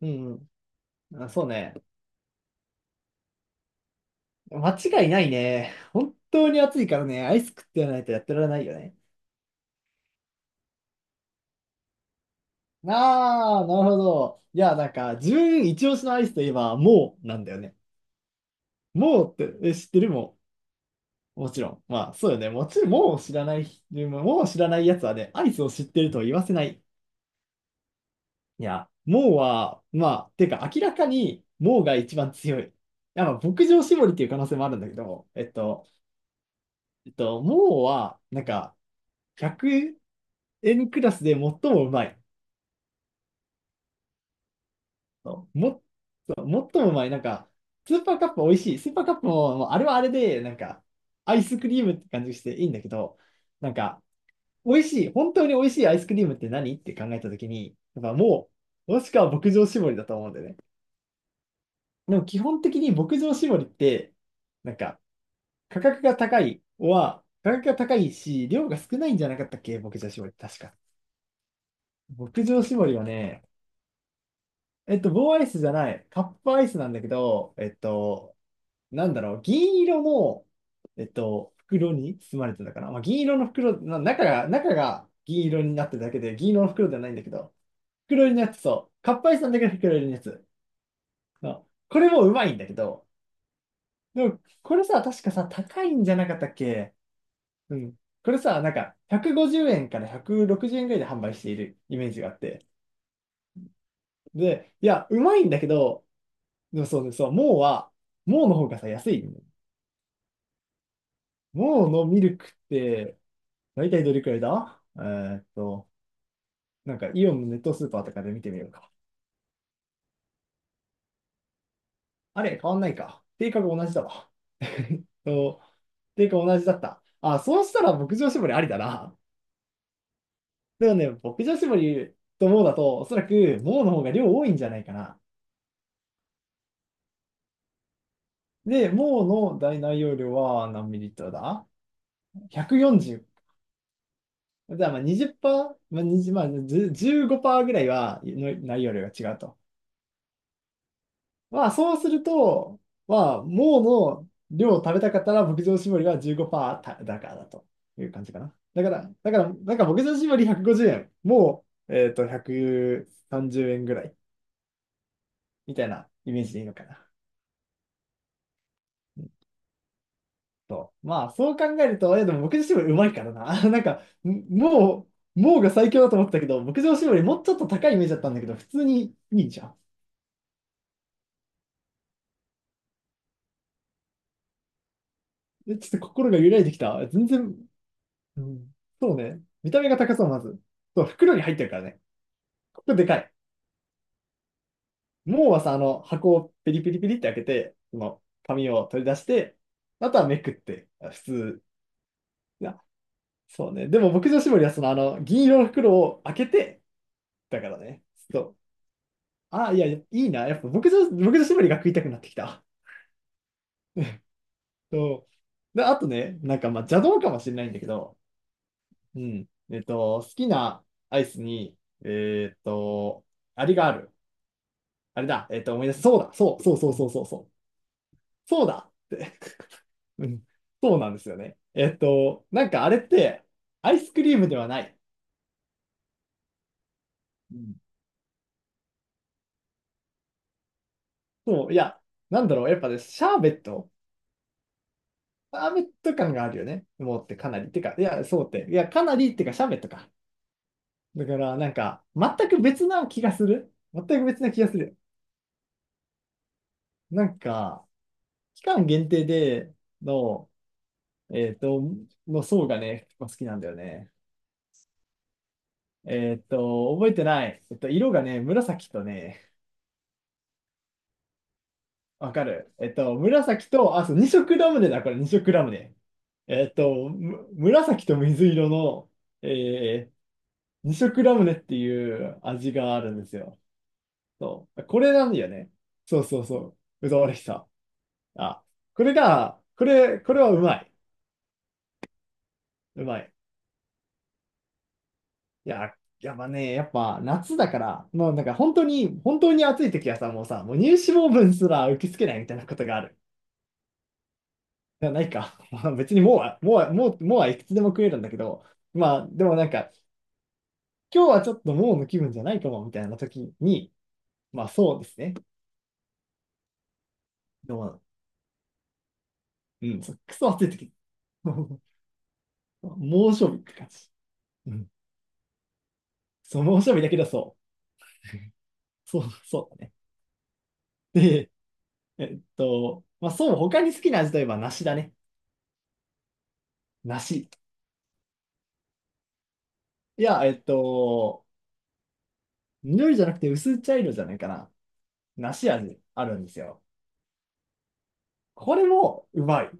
うん。あ、そうね。間違いないね。本当に暑いからね、アイス食ってやらないとやってられないよね。ああ、なるほど。いや、なんか、自分一押しのアイスといえば、もうなんだよね。もうって、知ってるもちろん。まあ、そうよね。もちろん、もう知らないやつはね、アイスを知ってるとは言わせない。いや、もうは、まあ、てか、明らかに、もうが一番強い。いや、まあ、牧場絞りっていう可能性もあるんだけど、もうは、なんか、1 N クラスで最もうまい。そうもっと、最もうまい。なんか、スーパーカップ美味しい。スーパーカップも、もうあれはあれで、なんか、アイスクリームって感じしていいんだけど、なんか、美味しい、本当に美味しいアイスクリームって何って考えたときに、やっぱもう、もしくは牧場絞りだと思うんだよね。でも基本的に牧場絞りって、なんか、価格が高いし、量が少ないんじゃなかったっけ牧場絞り、確か。牧場絞りはね、えっと、棒アイスじゃない。カップアイスなんだけど、えっと、なんだろう、銀色の、えっと、袋に包まれてたかな。まあ、銀色の袋、中が銀色になってるだけで、銀色の袋ではないんだけど、袋入りのやつ、そう。カップアイスなんだけど、袋入りのやつ。のこれもうまいんだけど、でも、これさ、確かさ、高いんじゃなかったっけ？うん。これさ、なんか、150円から160円ぐらいで販売しているイメージがあって。で、いや、うまいんだけど、でもそうです。そう、もうは、もうの方がさ、安いよね。もうのミルクって、大体どれくらいだ？えーっと、なんかイオンのネットスーパーとかで見てみようか。あれ、変わんないか。定価が同じだわ。えっと、定価同じだった。あ、そうしたら牧場絞りありだな。でもね、牧場絞りともうだと、おそらくもうの方が量多いんじゃないかな。で、もうの大内容量は何ミリリットルだ？ ?145。 じゃあまあ20%、まあ、20、まあ、10 15%ぐらいはの内容量が違うと。まあそうすると、まあ、もうの量を食べたかったら牧場搾りは15%だからだという感じかな。だから、だから、なんか牧場搾り150円、もう、えっと、130円ぐらいみたいなイメージでいいのかな。うんと、まあそう考えると、え、でも牧場搾りうまいからな。なんか、もうが最強だと思ったけど、牧場搾りもうちょっと高いイメージだったんだけど、普通にいいじゃん。えちょっと心が揺らいできた。全然、うんそうね。見た目が高そう、まず。そう、袋に入ってるからね。ここでかい。もうはさ、あの、箱をペリペリペリって開けて、その、紙を取り出して、あとはめくって、あ普通。いや、そうね。でも、牧場絞りは、その、あの、銀色の袋を開けて、だからね。そう。あ、いや、いいな。やっぱ、牧場絞りが食いたくなってきた。そう。で、あとね、なんか、まあ、邪道かもしれないんだけど、うん。えっと、好きなアイスに、えーっと、あれがある。あれだ。えっと、思い出す。そうだ。そうそうそうそうそうそう。そうだって。うん。そうなんですよね。えっと、なんかあれって、アイスクリームではない。うん。そう、いや、なんだろう。やっぱね、シャーベット。シャーベット感があるよね。もうってかなり。てか、いや、そうって。いや、かなりってか、シャーベットか。だから、なんか、全く別な気がする。全く別な気がする。なんか、期間限定での、えっと、の層がね、結構好きなんだよね。えっと、覚えてない。えっと、色がね、紫とね、わかる。えっと、紫と、あ、そう、二色ラムネだ、これ二色ラムネ。えっと、紫と水色の、えー、二色ラムネっていう味があるんですよ。そう。これなんだよね。そうそうそう。うざわれしさ。あ、これが、これ、これはうまい。うまい。いや、やっぱね、やっぱ夏だから、もうなんか本当に、本当に暑い時はさ、もうさ、もう乳脂肪分すら受け付けないみたいなことがある。いやないか。別にもうはいくつでも食えるんだけど、まあでもなんか、今日はちょっともうの気分じゃないかもみたいな時に、まあそうですね。でも、うん、そうクソ暑い時。猛暑日って感じ。うん。そう、猛暑日だけどそう。そう、そうだね。で、えっと、まあそう、他に好きな味といえば梨だね。梨。いや、えっと、緑じゃなくて薄茶色じゃないかな。梨味あるんですよ。これもうまい。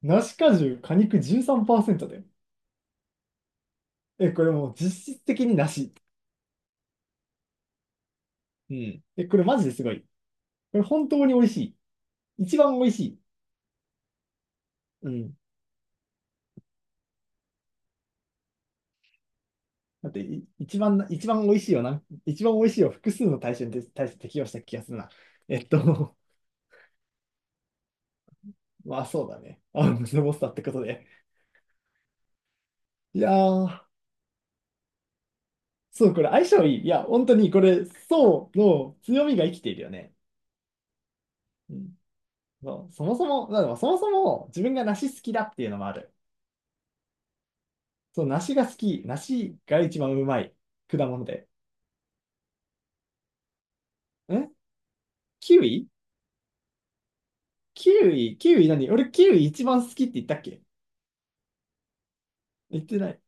梨果汁、果肉13%で。え、これもう実質的に梨。うん。え、これマジですごい。これ本当に美味しい。一番美味しい。うん。だって、一番美味しいよな。一番美味しいを複数の対象にて対して適用した気がするな。えっと、まあそうだね。あ、ムスボスターってことで。いやー、そう、これ相性いい。いや、本当にこれ、そうの強みが生きているよね。うんそうそもそも、だからそもそも自分が梨好きだっていうのもある。そう、梨が好き。梨が一番うまい果物で。んキウイキウイ何俺キウイ一番好きって言ったっけ？言ってない。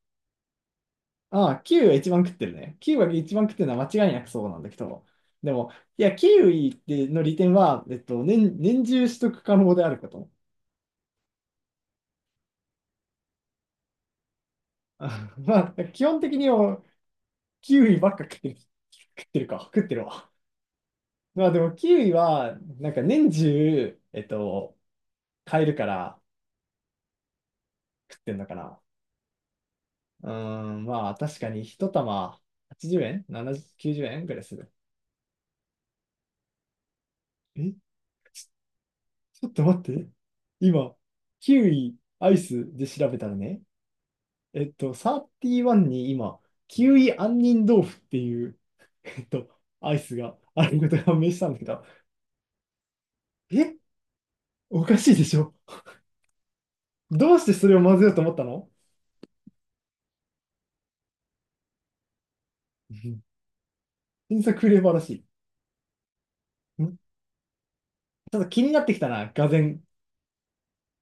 ああ、キウイが一番食ってるね。キウイが一番食ってるのは間違いなくそうなんだけど。でも、いや、キウイっての利点は、えっと、年中取得可能であること。あまあ、基本的にはキウイばっか食ってる。食ってるか。食ってるわ。まあでもキウイは、なんか年中、えっと、買えるから食ってんのかな。うーん、まあ確かに一玉80円 ?70、90円ぐらいする。え、ちちょっと待って。今、キウイアイスで調べたらね、えっと、31に今、キウイ杏仁豆腐っていう、えっと、アイスがあることが判明したんだけど、え、おかしいでしょ？どうしてそれを混ぜようと思ったの？うん。新作フレーバーらしい。ちょっと気になってきたな、俄然。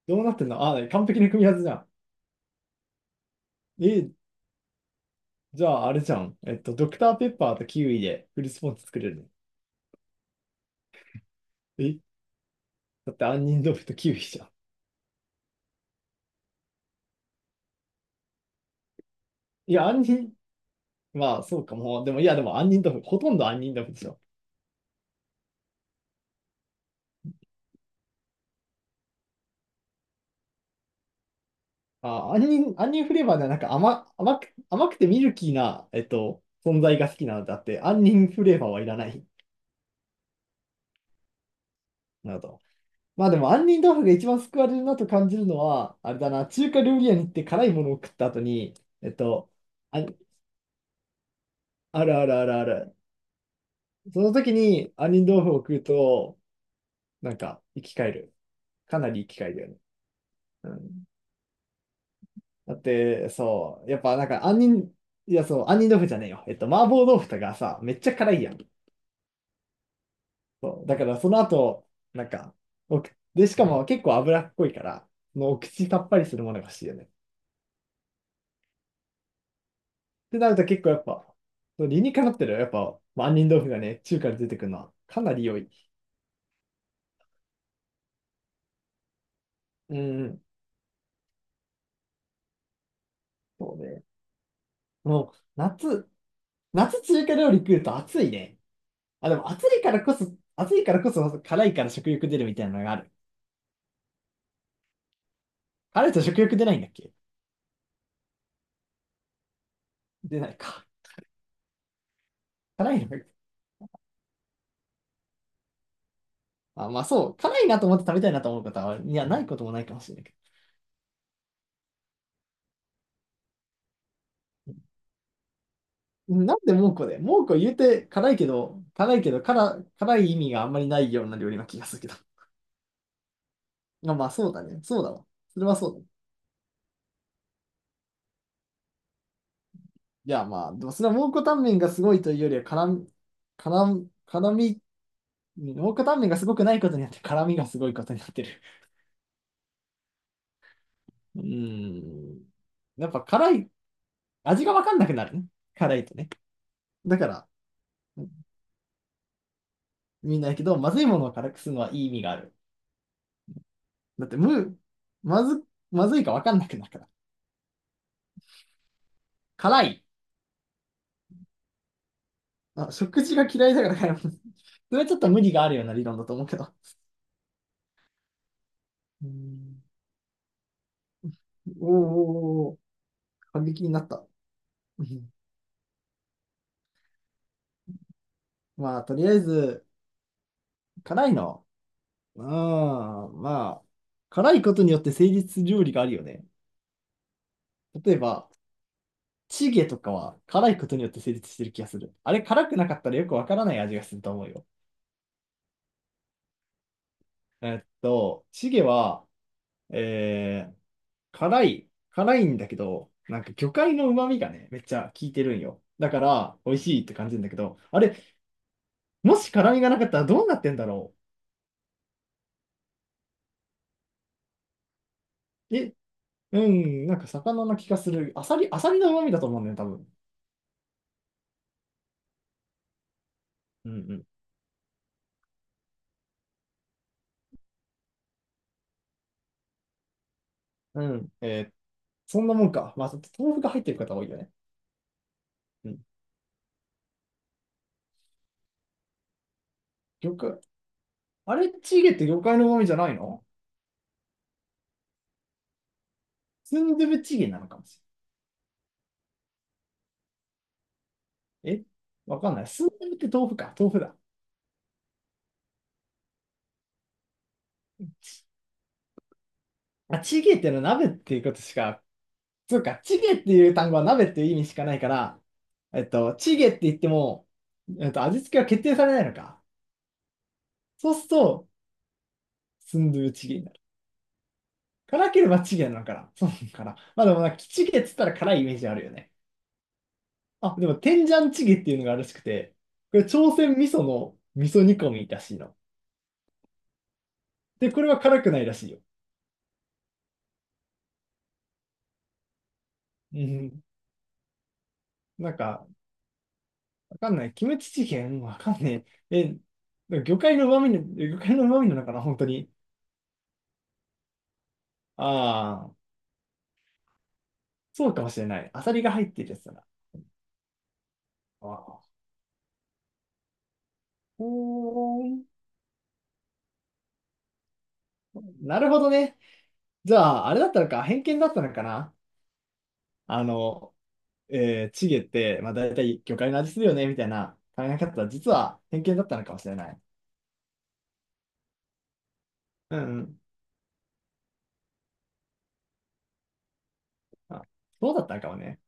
どうなってんの？あ、完璧な組み合わせじゃん。え、じゃああれじゃん。えっと、ドクターペッパーとキウイでフルスポンジ作れるの。え、だって杏仁豆腐とキウイじゃん。いや、杏仁、まあそうかも。でも、いや、でも杏仁豆腐、ほとんど杏仁豆腐でしょ。あ、杏仁、杏仁フレーバーではなんか甘くてミルキーな、存在が好きなのであって、杏仁フレーバーはいらない。なるほど。まあでも、杏仁豆腐が一番救われるなと感じるのは、あれだな、中華料理屋に行って辛いものを食った後に、えっと、あ、あるあるあるある。その時に杏仁豆腐を食うと、なんか生き返る。かなり生き返るよね。うん。だって、そう、やっぱなんか杏仁、いやそう、杏仁豆腐じゃねえよ。えっと、麻婆豆腐とかさ、めっちゃ辛いやん。そう、だからその後、なんか、おくで、しかも結構脂っこいから、そのお口さっぱりするものが欲しいよね。ってなると結構やっぱ、そう理にかなってるよ。やっぱ、まあ杏仁豆腐がね、中華で出てくるのはかなり良い。うん、そうね。もう、夏、夏中華料理食うと暑いね。あ、でも暑いからこそ、暑いからこそ辛いから食欲出るみたいなのがある。辛いと食欲出ないんだっけ？出ないか。辛いのが、あ、まあそう。辛いなと思って食べたいなと思う方は、いや、ないこともないかもしれないけど。なんで蒙古で蒙古言うて辛いけど、辛い意味があんまりないような料理な気がするけど。まあまあそうだね。そうだわ。それはそうだね。いやまあ、でもそれは蒙古タンメンがすごいというよりは、辛み、蒙古タンメンがすごくないことによって辛みがすごいことになってる。うん。やっぱ辛い、味がわかんなくなるね。辛いとね。だから、みんなやけど、まずいものを辛くするのはいい意味がある。だって、む、まず、まずいかわかんなくなるから。辛い。あ、食事が嫌いだから辛い。それはちょっと無理があるような理論だと思うけど。うん。おーおーおー、過激になった。うん、まあ、とりあえず、辛いの。うん、まあ、辛いことによって成立する料理があるよね。例えば、チゲとかは辛いことによって成立してる気がする。あれ、辛くなかったらよくわからない味がすると思うよ。えっと、チゲは、えー、辛い、辛いんだけど、なんか魚介の旨味がね、めっちゃ効いてるんよ。だから、美味しいって感じるんだけど、あれ、もし辛みがなかったらどうなってんだろう。え、うん、なんか魚の気がする。アサリ、アサリの旨味だと思うんだよね、多分。うんうん。うん、そんなもんか。まあ、豆腐が入ってる方多いよね。うん。魚介、あれ、チゲって魚介の旨味じゃないの？スンドゥブチゲなのかもしれない。え、わかんない。スンドゥブって豆腐か。豆腐だ。あ、チゲってのは鍋っていうことしか、そうか、チゲっていう単語は鍋っていう意味しかないから、チゲって言っても、味付けは決定されないのか。そうすると、スンドゥブチゲになる。辛ければチゲなのかな。そうなのかな。まあでもなんか、チゲっつったら辛いイメージあるよね。あ、でも、天ジャンチゲっていうのがあるらしくて、これ、朝鮮味噌の味噌煮込みらしいの。で、これは辛くないらしいよ。うん。なんか、わかんない。キムチチゲンわかんねえ。え、魚介の旨味なのかな、本当に。ああ、そうかもしれない。アサリが入ってるやつだな。ああ、ほーん。なるほどね。じゃあ、あれだったのか、偏見だったのかな。あの、チゲって、まあ大体魚介の味するよね、みたいな考え方は実は偏見だったのかもしれない。うんうん。あ、そうだったのかもね。